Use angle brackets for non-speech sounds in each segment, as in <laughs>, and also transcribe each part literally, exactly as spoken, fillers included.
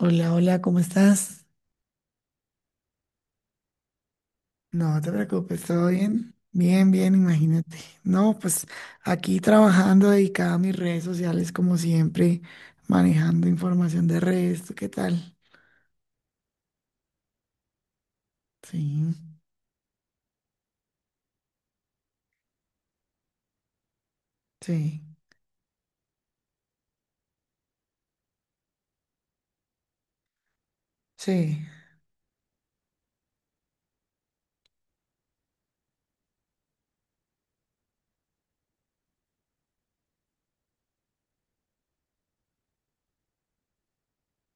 Hola, hola, ¿cómo estás? No te preocupes, ¿todo bien? Bien, bien, imagínate. No, pues aquí trabajando, dedicada a mis redes sociales, como siempre, manejando información de redes. ¿Tú qué tal? Sí, sí, sí.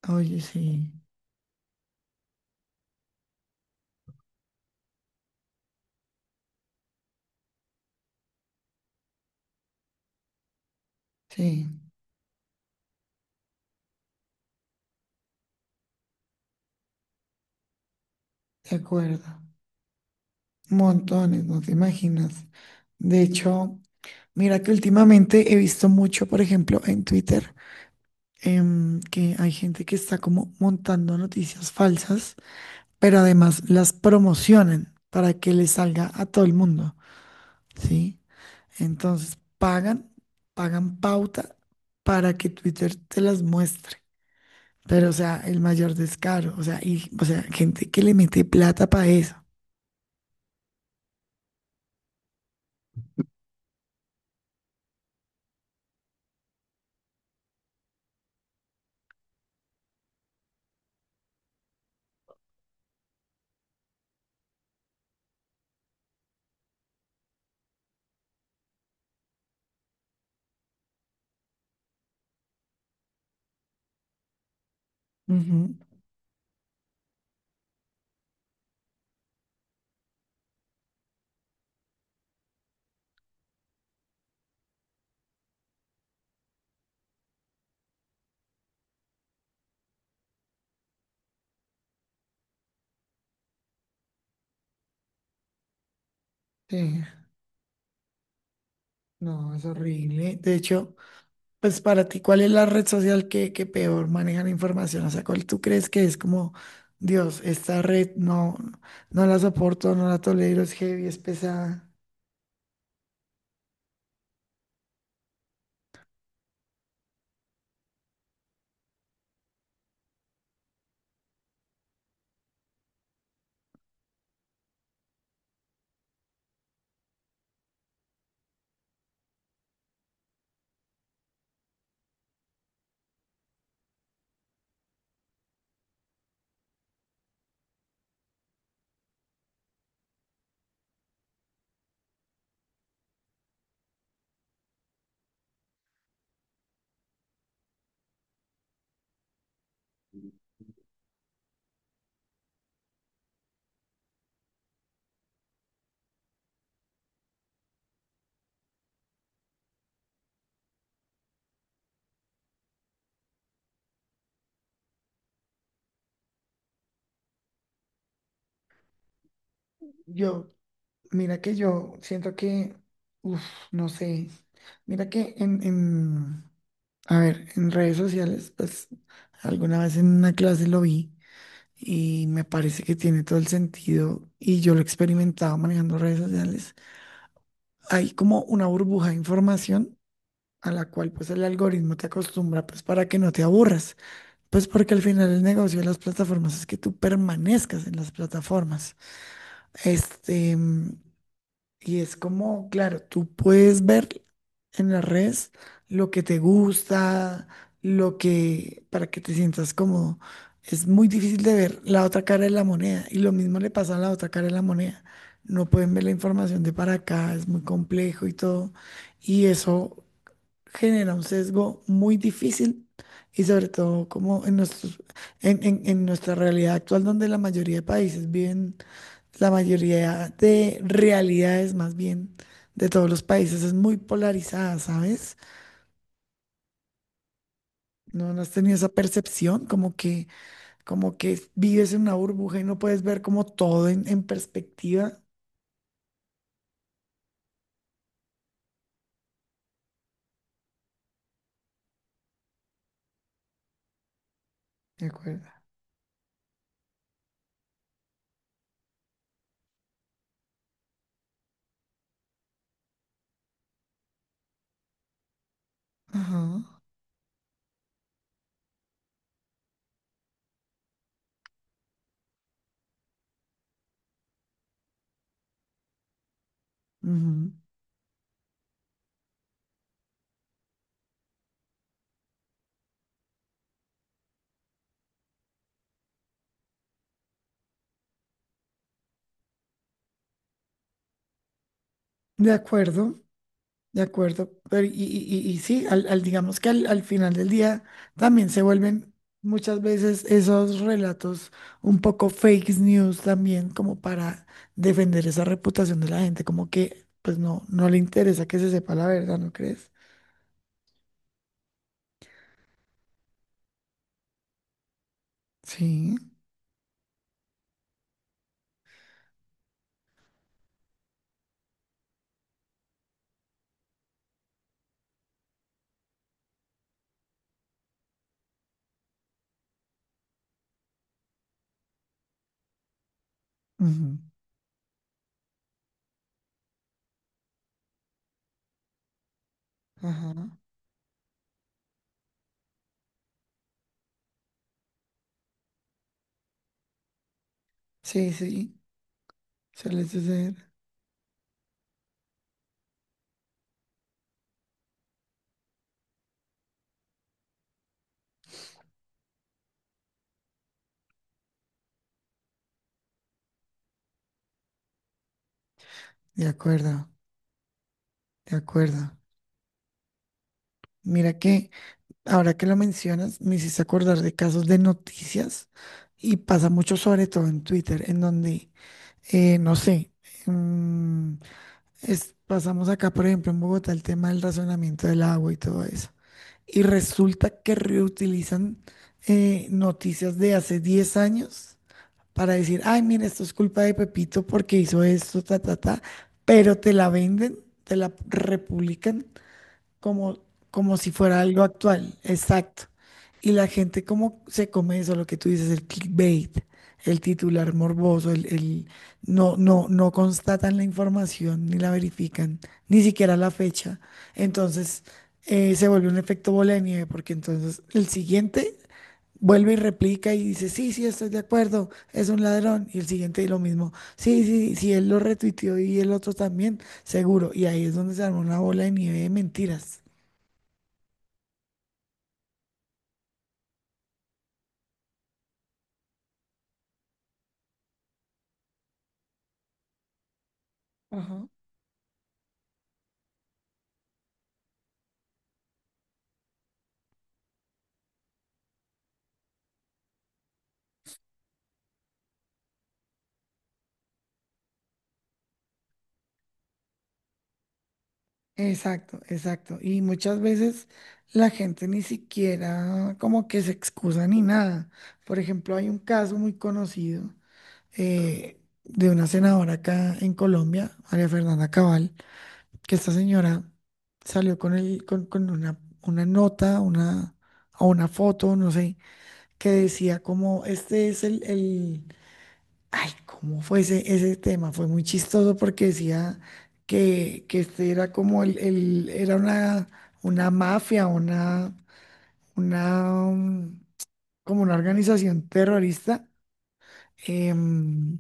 Oye, sí, sí, de acuerdo. Montones, no te imaginas. De hecho, mira que últimamente he visto mucho, por ejemplo, en Twitter, em, que hay gente que está como montando noticias falsas pero además las promocionan para que les salga a todo el mundo, ¿sí? Entonces pagan, pagan pauta para que Twitter te las muestre. Pero, o sea, el mayor descaro, o sea, y, o sea, gente que le mete plata para eso. Ujú. Sí, no, es horrible. De hecho, pues para ti, ¿cuál es la red social que, que peor maneja la información? O sea, ¿cuál tú crees que es como, Dios, esta red no, no la soporto, no la tolero, es heavy, es pesada? Yo Mira que yo siento que, uff, no sé, mira que en, en, a ver, en redes sociales, pues alguna vez en una clase lo vi y me parece que tiene todo el sentido y yo lo he experimentado manejando redes sociales. Hay como una burbuja de información a la cual pues el algoritmo te acostumbra pues para que no te aburras, pues porque al final el negocio de las plataformas es que tú permanezcas en las plataformas. Este, Y es como, claro, tú puedes ver en las redes lo que te gusta, lo que, para que te sientas cómodo. Es muy difícil de ver la otra cara de la moneda. Y lo mismo le pasa a la otra cara de la moneda. No pueden ver la información de para acá, es muy complejo y todo. Y eso genera un sesgo muy difícil y sobre todo como en nuestros, en, en- en nuestra realidad actual donde la mayoría de países viven, la mayoría de realidades más bien de todos los países es muy polarizada, ¿sabes? ¿No, no has tenido esa percepción como que, como que vives en una burbuja y no puedes ver como todo en, en perspectiva? De acuerdo. Ajá. Ujú. De acuerdo. De acuerdo, pero y, y- y- y sí, al, al- digamos que al, al final del día también se vuelven muchas veces esos relatos un poco fake news también como para defender esa reputación de la gente, como que pues no, no le interesa que se sepa la verdad, ¿no crees? Sí. Ujú. Ajá. Sí, sí, suele suceder. De acuerdo, de acuerdo. Mira que... Ahora que lo mencionas, me hiciste acordar de casos de noticias y pasa mucho sobre todo en Twitter, en donde, eh, no sé, mm, es- pasamos acá, por ejemplo, en Bogotá, el tema del razonamiento del agua y todo eso. Y resulta que reutilizan eh, noticias de hace diez años para decir, ay, mira, esto es culpa de Pepito porque hizo esto, ta, ta, ta, pero te la venden, te la republican como, como si fuera algo actual, exacto. Y la gente como se come eso, lo que tú dices, el clickbait, el titular morboso, el, el- no, no, no constatan la información ni la verifican, ni siquiera la fecha. Entonces eh, se vuelve un efecto bola de nieve, porque entonces el siguiente vuelve y replica y dice, sí, sí, estoy de acuerdo, es un ladrón. Y el siguiente lo mismo, sí, sí, sí, él lo retuiteó y el otro también, seguro. Y ahí es donde se arma una bola de nieve de mentiras. Ajá. Exacto, exacto. Y muchas veces la gente ni siquiera como que se excusa ni nada. Por ejemplo, hay un caso muy conocido eh, de una senadora acá en Colombia, María Fernanda Cabal, que esta señora salió con el, con, con una, una nota, una, o una foto, no sé, que decía como este es el, el Ay, ¿cómo fue ese, ese tema? Fue muy chistoso porque decía que, que este era como el, el- era una, una mafia, una, una, mm, como una organización terrorista, em,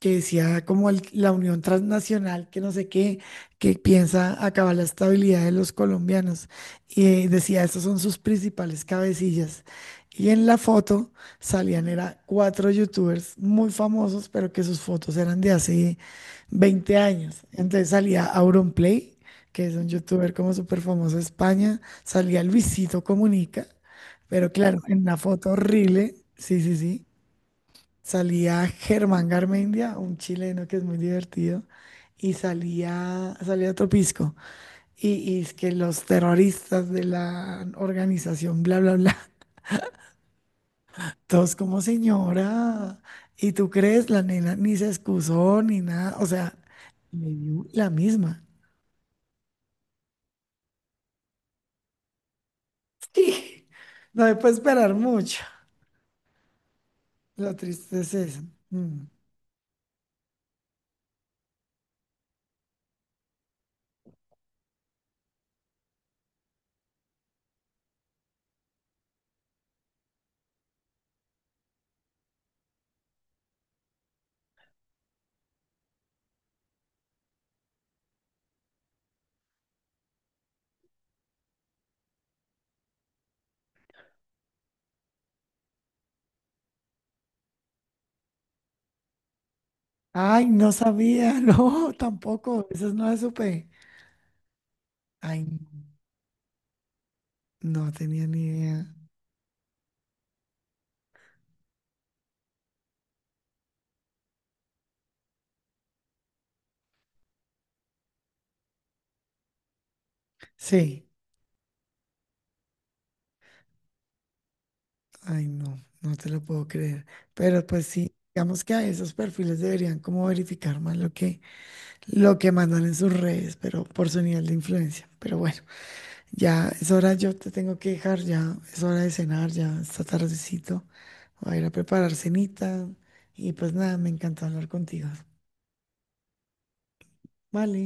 que decía como el- la unión transnacional, que no sé qué, que piensa acabar la estabilidad de los colombianos. Y eh, decía, estos son sus principales cabecillas. Y en la foto salían, era cuatro youtubers muy famosos, pero que sus fotos eran de hace veinte años. Entonces salía Auronplay, que es un youtuber como súper famoso de España, salía Luisito Comunica, pero claro, en una foto horrible, sí, sí, sí. Salía Germán Garmendia, un chileno que es muy divertido, y salía, salía otro pisco. Y, y es que los terroristas de la organización, bla, bla, bla, <laughs> todos como señora. ¿Y tú crees? La nena ni se excusó ni nada. O sea, le dio la misma. Sí, no me puedo esperar mucho. Lo triste es eso. Mm. Ay, no sabía, <laughs> no, tampoco. Eso no lo supe. Ay, no, no tenía ni idea. Sí, ay no, no te lo puedo creer. Pero pues sí, digamos que a esos perfiles deberían como verificar más lo que, lo que mandan en sus redes, pero por su nivel de influencia. Pero bueno, ya es hora, yo te tengo que dejar, ya es hora de cenar, ya está tardecito. Voy a ir a preparar cenita y pues nada, me encanta hablar contigo. Vale.